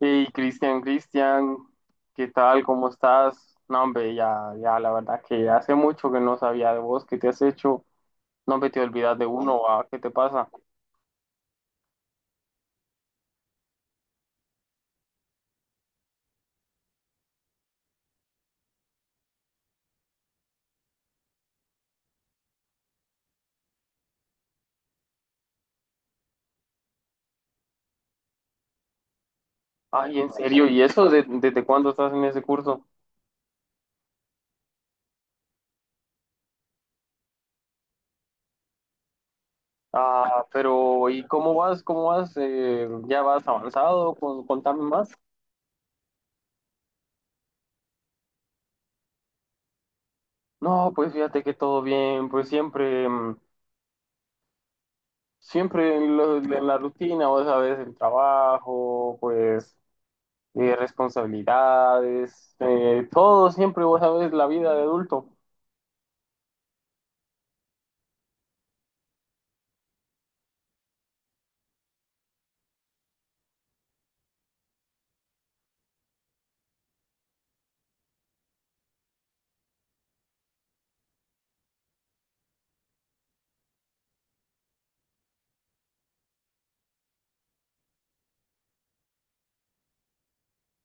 Hey, Cristian, Cristian, ¿qué tal? ¿Cómo estás? No, hombre, ya, ya, la verdad que hace mucho que no sabía de vos, ¿qué te has hecho? No, hombre, te olvidas de uno, ah, ¿qué te pasa? Ay, en serio, ¿y desde cuándo estás en ese curso? Ah, pero, ¿y cómo vas? ¿Cómo vas? ¿Ya vas avanzado? Contame más. No, pues fíjate que todo bien, pues siempre, siempre en la rutina, vos sabes, el trabajo, pues responsabilidades, todo siempre, vos sabes, la vida de adulto.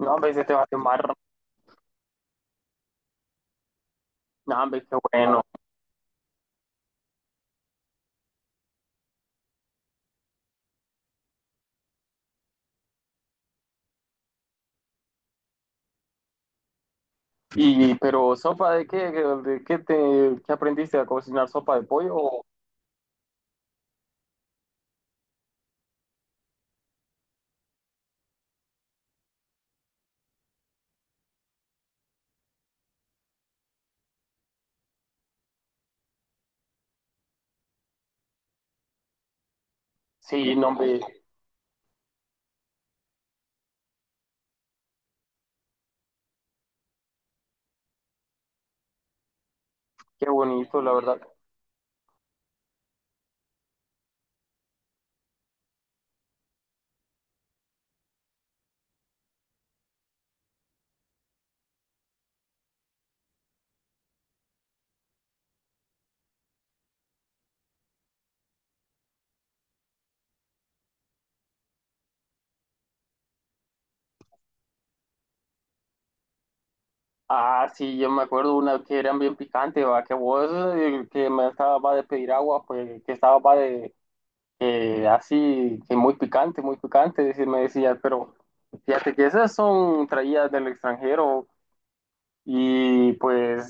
No, hombre, se te va a quemar. No, hombre, qué bueno. Y, pero, ¿sopa de qué? ¿De qué te ¿qué aprendiste a cocinar? ¿Sopa de pollo? Sí, no, hombre, qué bonito, la verdad. Ah, sí, yo me acuerdo una que eran bien picante, va, que vos, que me estaba de pedir agua, pues, que estaba va de, así, que muy picante, me decía, pero fíjate que esas son traídas del extranjero, y pues,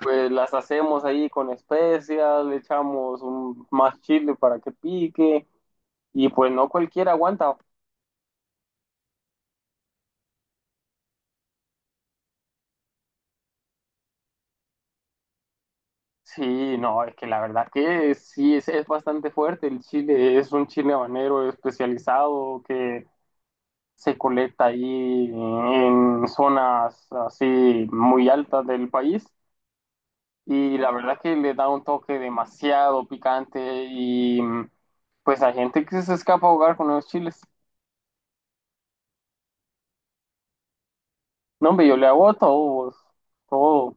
pues las hacemos ahí con especias, le echamos un, más chile para que pique y pues no cualquiera aguanta. Sí, no, es que la verdad que sí, es bastante fuerte el chile, es un chile habanero especializado que se colecta ahí en zonas así muy altas del país y la verdad que le da un toque demasiado picante y pues hay gente que se escapa a ahogar con los chiles. No, hombre, yo le hago a todos, todo.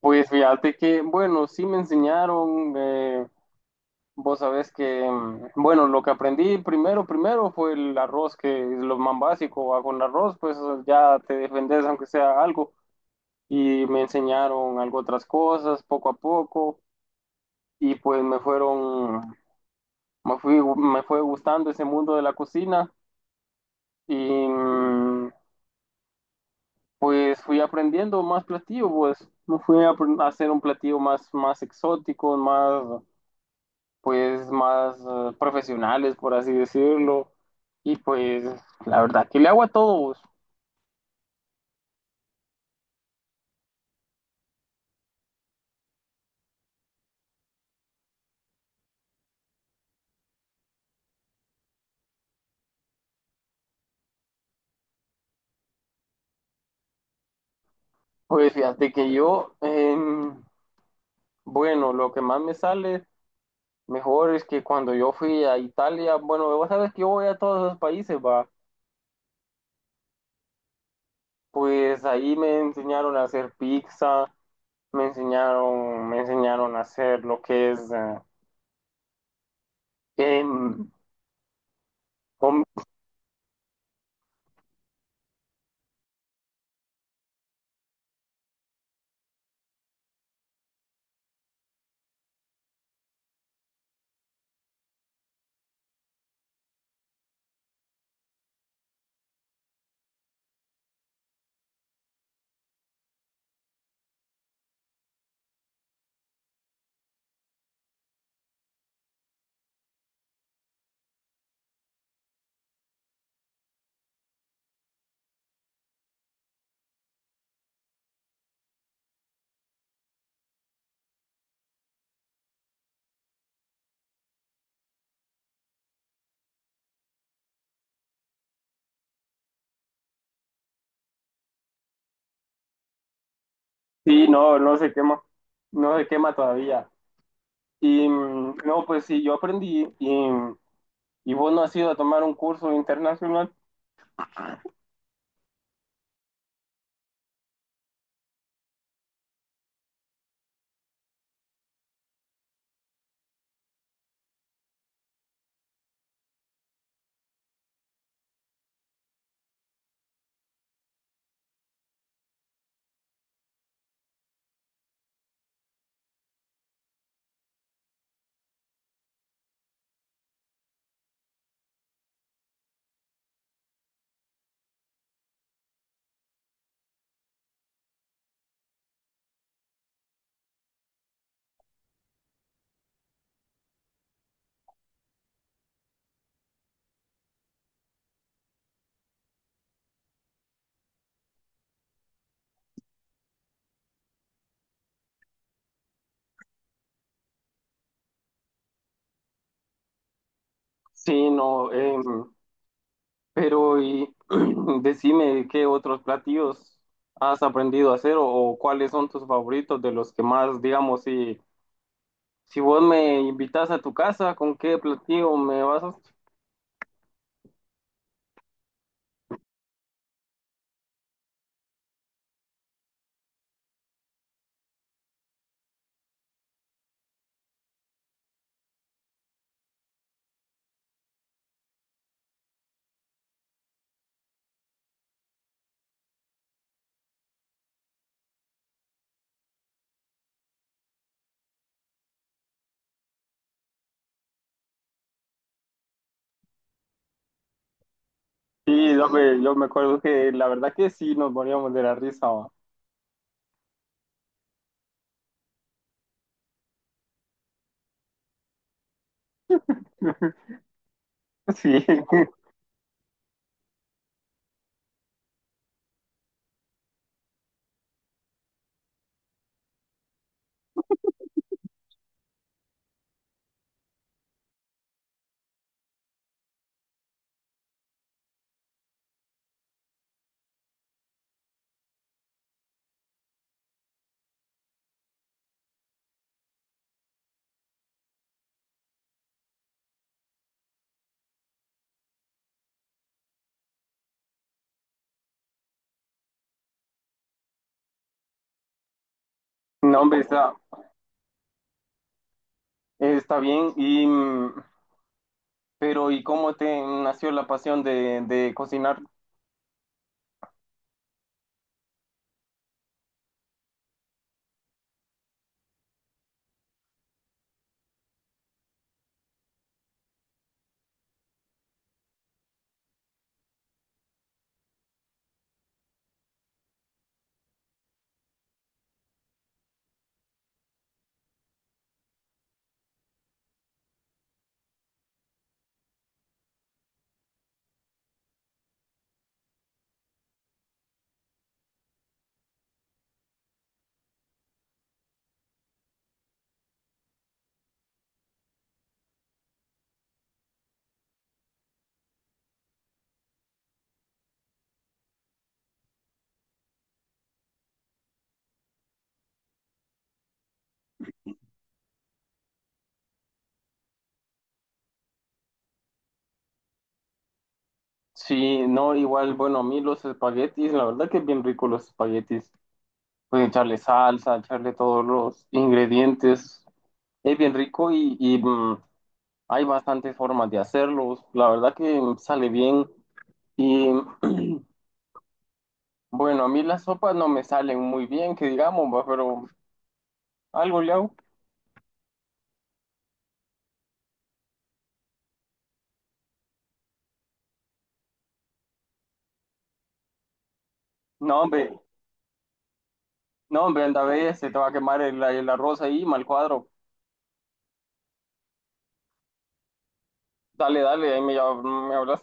Pues fíjate que, bueno, sí me enseñaron, vos sabés que, bueno, lo que aprendí primero, primero fue el arroz, que es lo más básico, va con arroz, pues ya te defendes aunque sea algo. Y me enseñaron algo otras cosas, poco a poco, y pues me fueron, me fui, me fue gustando ese mundo de la cocina, y mm, pues fui aprendiendo más platillo, pues no fui a hacer un platillo más, más exótico, más, pues más profesionales, por así decirlo. Y pues la verdad que le hago a todos. Pues, fíjate que yo, bueno, lo que más me sale mejor es que cuando yo fui a Italia, bueno, vos sabes que yo voy a todos los países, va. Pues ahí me enseñaron a hacer pizza, me enseñaron a hacer lo que es em, Hom- Sí, no, no se quema, no se quema todavía. Y no, pues sí, yo aprendí y vos no has ido a tomar un curso internacional. Sí, no, pero y decime qué otros platillos has aprendido a hacer o cuáles son tus favoritos de los que más, digamos, si, si vos me invitas a tu casa, ¿con qué platillo me vas a... Sí, yo me acuerdo que la verdad que sí, nos moríamos de la risa. Va. Sí, no, hombre, está, está bien, y pero ¿y cómo te nació la pasión de cocinar? Sí, no, igual, bueno, a mí los espaguetis, la verdad que es bien rico los espaguetis. Pueden echarle salsa, echarle todos los ingredientes. Es bien rico y, hay bastantes formas de hacerlos. La verdad que sale bien. Y bueno, a mí las sopas no me salen muy bien, que digamos, va, pero algo le hago. No, hombre, no, hombre, anda, ve, se te va a quemar el arroz ahí, mal cuadro. Dale, dale, me hablas.